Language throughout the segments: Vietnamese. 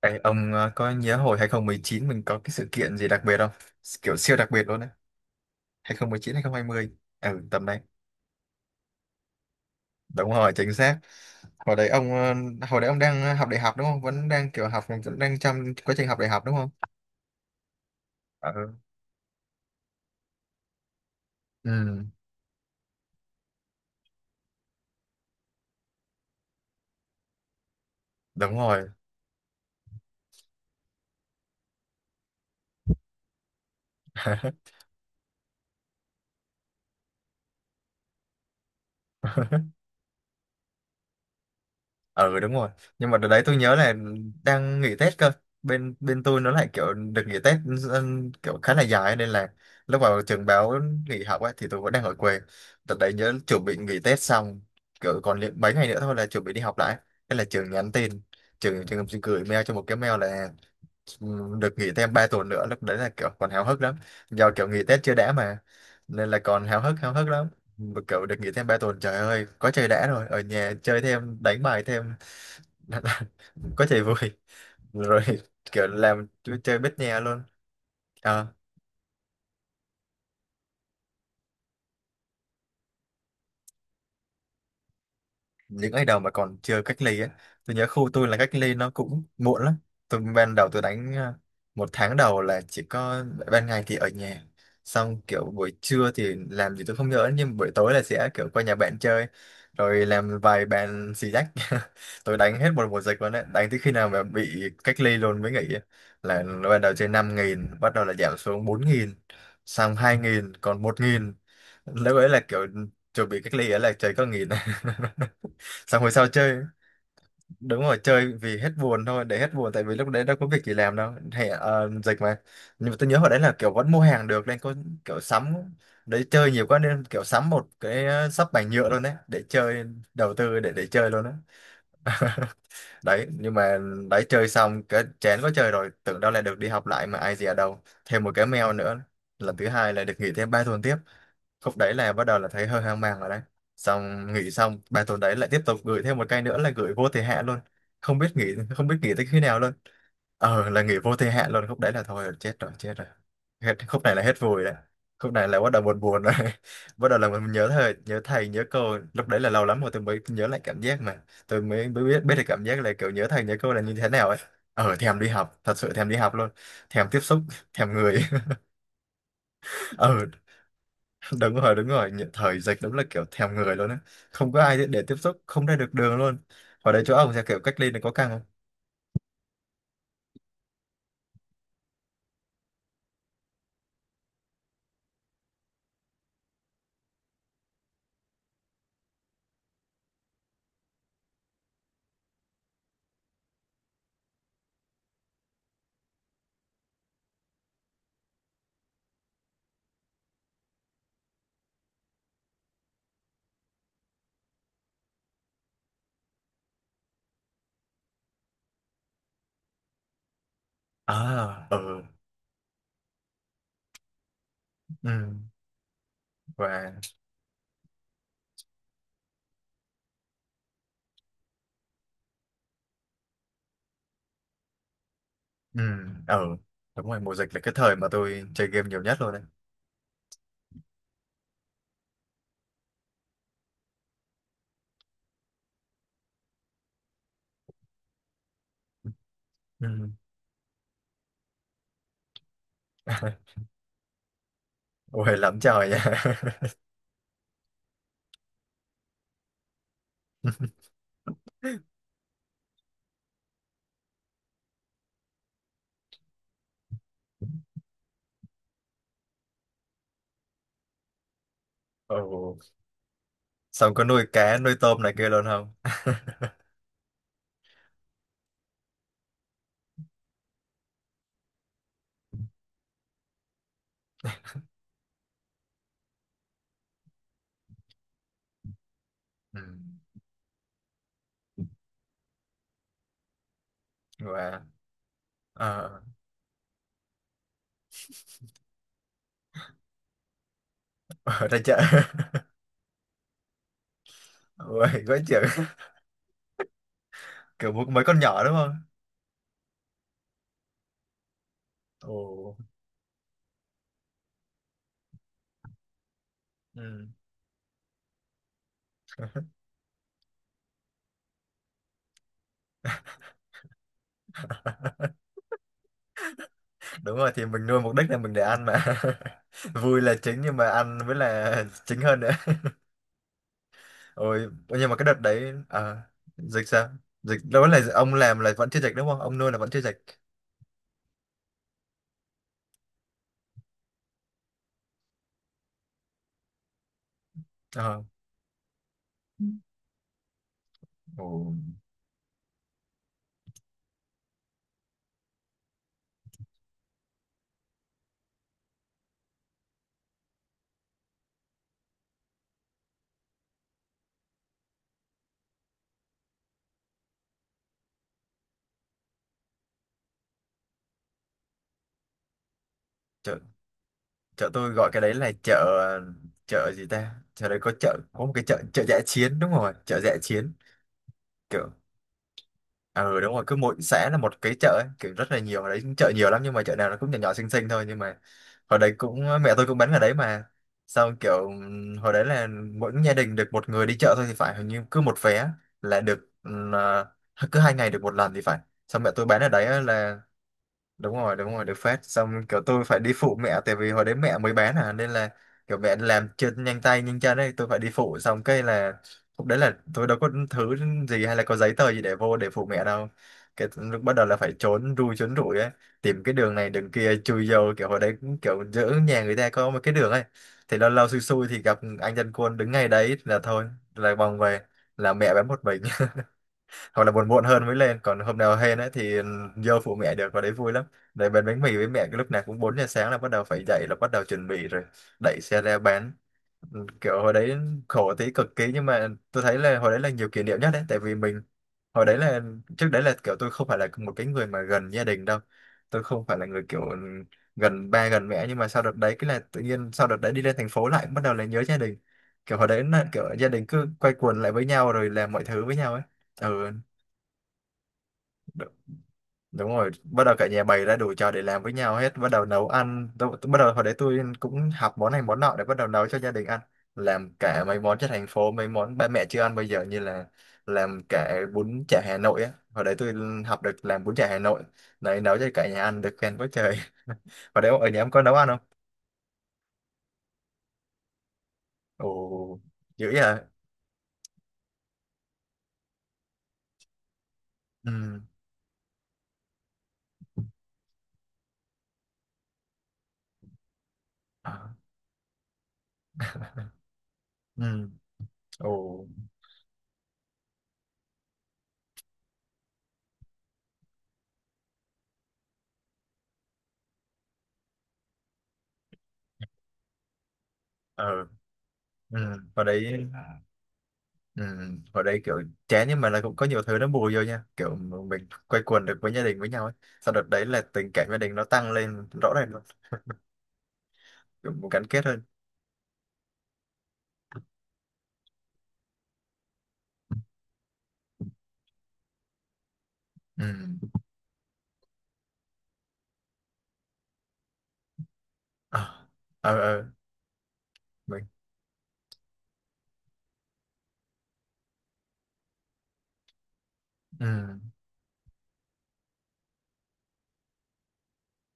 Ê, ông có nhớ hồi 2019 mình có cái sự kiện gì đặc biệt không? Kiểu siêu đặc biệt luôn đấy. Hai hai không không chín hai 2020. Ừ, tầm đấy. Đúng rồi, chính xác. Hồi đấy ông hồi đấy ông đang học đại học đúng không? Vẫn đang kiểu học vẫn đang trong quá trình học đại học đúng không? Ừ. Ừ, đúng rồi. Ừ, đúng rồi, nhưng mà đợt đấy tôi nhớ là đang nghỉ Tết cơ, bên bên tôi nó lại kiểu được nghỉ Tết, kiểu khá là dài nên là lúc vào trường báo nghỉ học ấy thì tôi vẫn đang ở quê. Đợt đấy nhớ chuẩn bị nghỉ Tết xong, kiểu còn li- mấy ngày nữa thôi là chuẩn bị đi học lại, thế là trường nhắn tin, trường trường gửi mail cho một cái mail là được nghỉ thêm 3 tuần nữa. Lúc đấy là kiểu còn háo hức lắm, do kiểu nghỉ Tết chưa đã mà, nên là còn háo hức lắm. Mà kiểu được nghỉ thêm 3 tuần, trời ơi, có chơi đã rồi, ở nhà chơi thêm, đánh bài thêm. Có chạy vui rồi, kiểu làm, chơi bết nhè luôn. Ờ, những ngày đầu mà còn chưa cách ly á, tôi nhớ khu tôi là cách ly nó cũng muộn lắm. Tôi ban đầu tôi đánh một tháng đầu là chỉ có ban ngày thì ở nhà, xong kiểu buổi trưa thì làm gì tôi không nhớ, nhưng buổi tối là sẽ kiểu qua nhà bạn chơi rồi làm vài bàn xì dách. Tôi đánh hết một mùa dịch luôn đấy, đánh tới khi nào mà bị cách ly luôn mới nghỉ. Là ban đầu chơi 5.000, bắt đầu là giảm xuống 4.000, xong 2.000, còn một nghìn, lúc ấy là kiểu chuẩn bị cách ly ấy là chơi có nghìn. Xong hồi sau chơi, đúng rồi, chơi vì hết buồn thôi, để hết buồn, tại vì lúc đấy đâu có việc gì làm đâu hè, dịch mà. Nhưng mà tôi nhớ hồi đấy là kiểu vẫn mua hàng được, nên có kiểu sắm, đấy chơi nhiều quá nên kiểu sắm một cái sắp bành nhựa luôn đấy để chơi, đầu tư để chơi luôn đấy. Đấy, nhưng mà đấy chơi xong cái chén có chơi rồi, tưởng đâu là được đi học lại mà ai dè đâu thêm một cái mail nữa. Lần thứ hai là được nghỉ thêm ba tuần tiếp, khúc đấy là bắt đầu là thấy hơi hoang mang rồi đấy. Xong nghỉ xong bài tuần đấy lại tiếp tục gửi thêm một cây nữa là gửi vô thời hạn luôn, không biết nghỉ, không biết nghỉ tới khi nào luôn. Ờ, là nghỉ vô thời hạn luôn, khúc đấy là thôi chết rồi chết rồi, hết khúc này là hết vui đấy, khúc này là bắt đầu buồn buồn rồi. Bắt đầu là mình nhớ thầy, nhớ thầy nhớ cô, lúc đấy là lâu lắm rồi tôi mới nhớ lại cảm giác, mà tôi mới mới biết biết được cảm giác là kiểu nhớ thầy nhớ cô là như thế nào ấy. Ờ, thèm đi học, thật sự thèm đi học luôn, thèm tiếp xúc, thèm người. Ờ, đúng rồi đúng rồi. Nhị- thời dịch đúng là kiểu thèm người luôn á, không có ai để tiếp xúc, không ra được đường luôn. Ở đây chỗ ông sẽ kiểu cách ly này có căng không? À, ừ. Ừ. Và. Ừ. Ừ, đúng rồi mùa dịch là cái thời mà tôi chơi game nhiều nhất luôn đấy. Ừ. Ôi lắm trời nha. Ồ. Xong có nuôi cá nuôi tôm này kia luôn không? Ừ. Và. Ờ. Ở đây chợ. Ôi quá chịu. Kiểu mua mấy con nhỏ đúng không? Ồ. Ừ. Đúng rồi, thì mình nuôi mục đích là mình để ăn mà. Vui là chính nhưng mà ăn mới là chính hơn nữa. Ôi, nhưng mà cái đợt đấy dịch sao? Dịch đâu là ông làm là vẫn chưa dịch đúng không, ông nuôi là vẫn chưa dịch. Ờ. Ồ, chợ, chợ tôi gọi cái đấy là chợ, chợ gì ta, chợ đấy có chợ, có một cái chợ, chợ dã chiến, đúng rồi, chợ dã chiến. Kiểu, ờ đúng rồi, cứ mỗi xã là một cái chợ ấy, kiểu rất là nhiều ở đấy, chợ nhiều lắm nhưng mà chợ nào nó cũng nhỏ nhỏ xinh xinh thôi. Nhưng mà hồi đấy cũng mẹ tôi cũng bán ở đấy mà, xong kiểu hồi đấy là mỗi gia đình được một người đi chợ thôi thì phải, hình như cứ một vé là được, cứ hai ngày được một lần thì phải. Xong mẹ tôi bán ở đấy á là đúng rồi đúng rồi, được phát. Xong kiểu tôi phải đi phụ mẹ tại vì hồi đấy mẹ mới bán à, nên là kiểu mẹ làm chân nhanh tay nhanh chân ấy, tôi phải đi phụ. Xong cái là lúc đấy là tôi đâu có thứ gì hay là có giấy tờ gì để vô để phụ mẹ đâu, cái lúc bắt đầu là phải trốn ru trốn rủi ấy, tìm cái đường này đường kia chui vô. Kiểu hồi đấy cũng kiểu giữa nhà người ta có một cái đường ấy, thì lâu lâu xui xui thì gặp anh dân quân đứng ngay đấy là thôi, là vòng về, là mẹ bán một mình, hoặc là buồn muộn hơn mới lên. Còn hôm nào hên ấy thì vô phụ mẹ được, vào đấy vui lắm, để bán bánh mì với mẹ. Cái lúc nào cũng 4 giờ sáng là bắt đầu phải dậy, là bắt đầu chuẩn bị rồi, đẩy xe ra bán. Kiểu hồi đấy khổ tí cực kỳ, nhưng mà tôi thấy là hồi đấy là nhiều kỷ niệm nhất đấy, tại vì mình hồi đấy là trước đấy là kiểu tôi không phải là một cái người mà gần gia đình đâu, tôi không phải là người kiểu gần ba gần mẹ. Nhưng mà sau đợt đấy cái là tự nhiên sau đợt đấy đi lên thành phố lại bắt đầu là nhớ gia đình, kiểu hồi đấy là kiểu gia đình cứ quay quần lại với nhau rồi làm mọi thứ với nhau ấy. Ừ đúng rồi, bắt đầu cả nhà bày ra đủ trò để làm với nhau hết, bắt đầu nấu ăn. Bắt đầu hồi đấy tôi cũng học món này món nọ để bắt đầu nấu cho gia đình ăn, làm cả mấy món trên thành phố, mấy món ba mẹ chưa ăn bây giờ, như là làm cả bún chả Hà Nội á. Hồi đấy tôi học được làm bún chả Hà Nội đấy, nấu cho cả nhà ăn được khen quá trời. Hồi đấy ở nhà em có nấu ăn không? Ồ, dữ à. Ừ. À, ừ. Ồ. Ờ. Ừ. Hồi đấy. Ừ, hồi đây kiểu chán nhưng mà là cũng có nhiều thứ nó bù vô nha, kiểu mình quây quần được với gia đình với nhau ấy. Sau đợt đấy là tình cảm gia đình nó tăng lên rõ ràng luôn, kiểu một gắn kết hơn. Ừ. Ờ. Ờ. Mình. Ừ.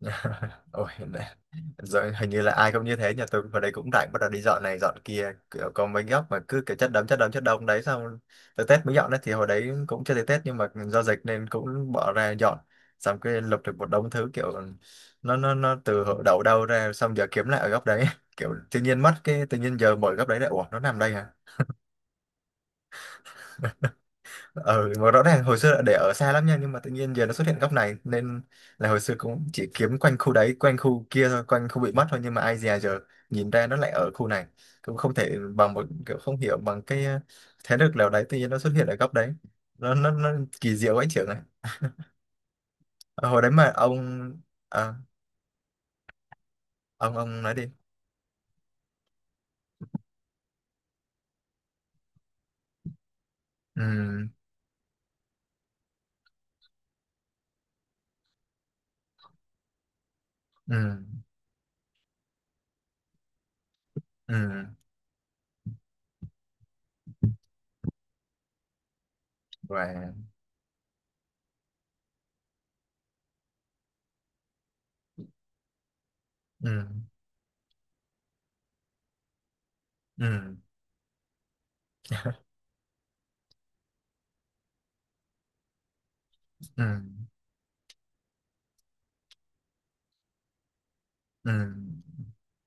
Ôi, rồi hình như là ai cũng như thế. Nhà tôi vào đây cũng rảnh, bắt đầu đi dọn này dọn kia, kiểu có mấy góc mà cứ kiểu chất đống chất đống chất đống đấy, xong tới Tết mới dọn đấy, thì hồi đấy cũng chưa tới Tết nhưng mà do dịch nên cũng bỏ ra dọn. Xong cái lục được một đống thứ, kiểu nó từ hồi đầu đâu ra, xong giờ kiếm lại ở góc đấy. Kiểu tự nhiên mất cái tự nhiên giờ mở góc đấy lại, ủa nó nằm đây hả? Ở mà rõ ràng hồi xưa là để ở xa lắm nha, nhưng mà tự nhiên giờ nó xuất hiện góc này, nên là hồi xưa cũng chỉ kiếm quanh khu đấy quanh khu kia thôi, quanh khu bị mất thôi, nhưng mà ai dè giờ nhìn ra nó lại ở khu này. Cũng không thể bằng một kiểu không hiểu bằng cái thế lực nào đấy tự nhiên nó xuất hiện ở góc đấy, nó kỳ diệu ấy trưởng này. Ờ, hồi đấy mà ông à, ông, ông nói đi. Ừ. Ừ. Ừ. Và. Ừ. Ừ. Ừ. Ừ.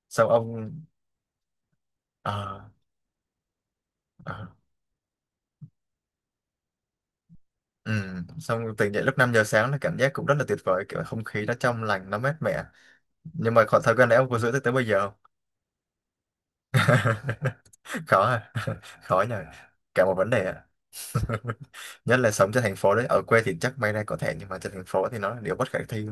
Xong ông, ờ. Ờ. Ừ, xong tỉnh dậy lúc 5 giờ sáng là cảm giác cũng rất là tuyệt vời, kiểu không khí nó trong lành nó mát mẻ. Nhưng mà khoảng thời gian đấy ông có giữ tới tới bây giờ không? Khó à? Khó nhờ, cả một vấn đề ạ. Nhất là sống trên thành phố đấy, ở quê thì chắc may ra có thể nhưng mà trên thành phố thì nó là điều bất khả thi.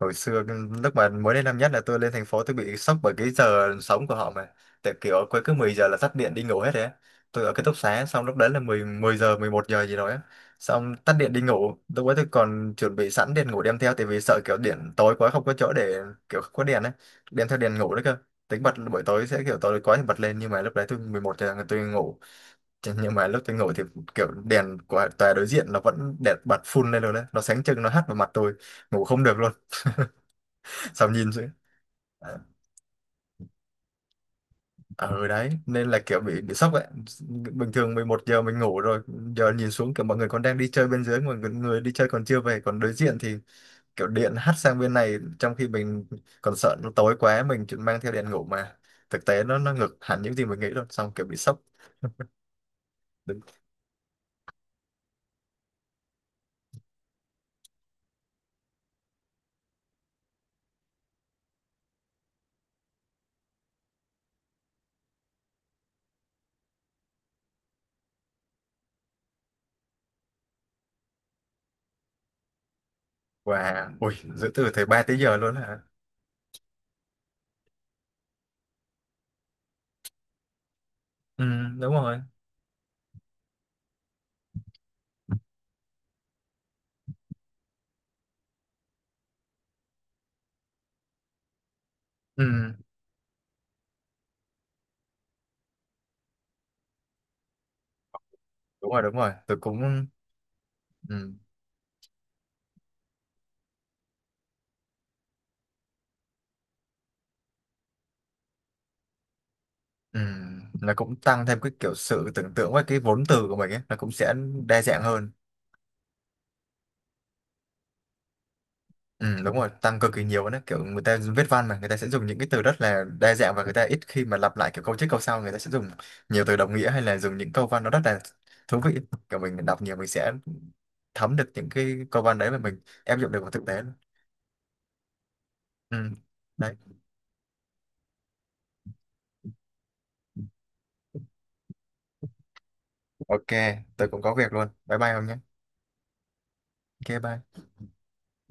Hồi xưa cái- lúc mà mới đến năm nhất là tôi lên thành phố tôi bị sốc bởi cái giờ sống của họ mà. Tại kiểu quay cứ 10 giờ là tắt điện đi ngủ hết đấy á. Tôi ở ký túc xá, xong lúc đấy là 10 10 giờ 11 giờ gì đó á. Xong tắt điện đi ngủ, lúc ấy tôi còn chuẩn bị sẵn đèn ngủ đem theo, tại vì sợ kiểu điện tối quá không có chỗ để, kiểu không có đèn ấy, đem theo đèn ngủ đấy cơ, tính bật buổi tối sẽ kiểu tối quá thì bật lên. Nhưng mà lúc đấy tôi 11 giờ là tôi ngủ. Chứ nhưng mà lúc tôi ngủ thì kiểu đèn của tòa đối diện nó vẫn đẹp bật full lên rồi đấy, nó sáng trưng nó hắt vào mặt tôi, ngủ không được luôn. Xong nhìn. Ờ, ừ đấy nên là kiểu bị sốc ấy. Bình thường 11 giờ mình ngủ rồi, giờ nhìn xuống kiểu mọi người còn đang đi chơi bên dưới, mọi người, người đi chơi còn chưa về, còn đối diện thì kiểu điện hắt sang bên này, trong khi mình còn sợ nó tối quá mình chỉ mang theo đèn ngủ mà. Thực tế nó ngược hẳn những gì mình nghĩ luôn, xong kiểu bị sốc. Đúng. Và ui, giữ từ thời 3 tới giờ luôn hả? Ừ đúng rồi. Ừ đúng rồi đúng rồi, tôi cũng. Ừ. Ừ. Nó cũng tăng thêm cái kiểu sự tưởng tượng với cái vốn từ của mình ấy, nó cũng sẽ đa dạng hơn. Ừ, đúng rồi, tăng cực kỳ nhiều nữa, kiểu người ta viết văn mà người ta sẽ dùng những cái từ rất là đa dạng và người ta ít khi mà lặp lại, kiểu câu trước câu sau người ta sẽ dùng nhiều từ đồng nghĩa hay là dùng những câu văn nó rất là thú vị. Kiểu mình đọc nhiều mình sẽ thấm được những cái câu văn đấy mà mình áp dụng được vào thực tế luôn. Ừ. Đấy. OK, tôi cũng có việc luôn, bye bye ông nhé. OK, bye.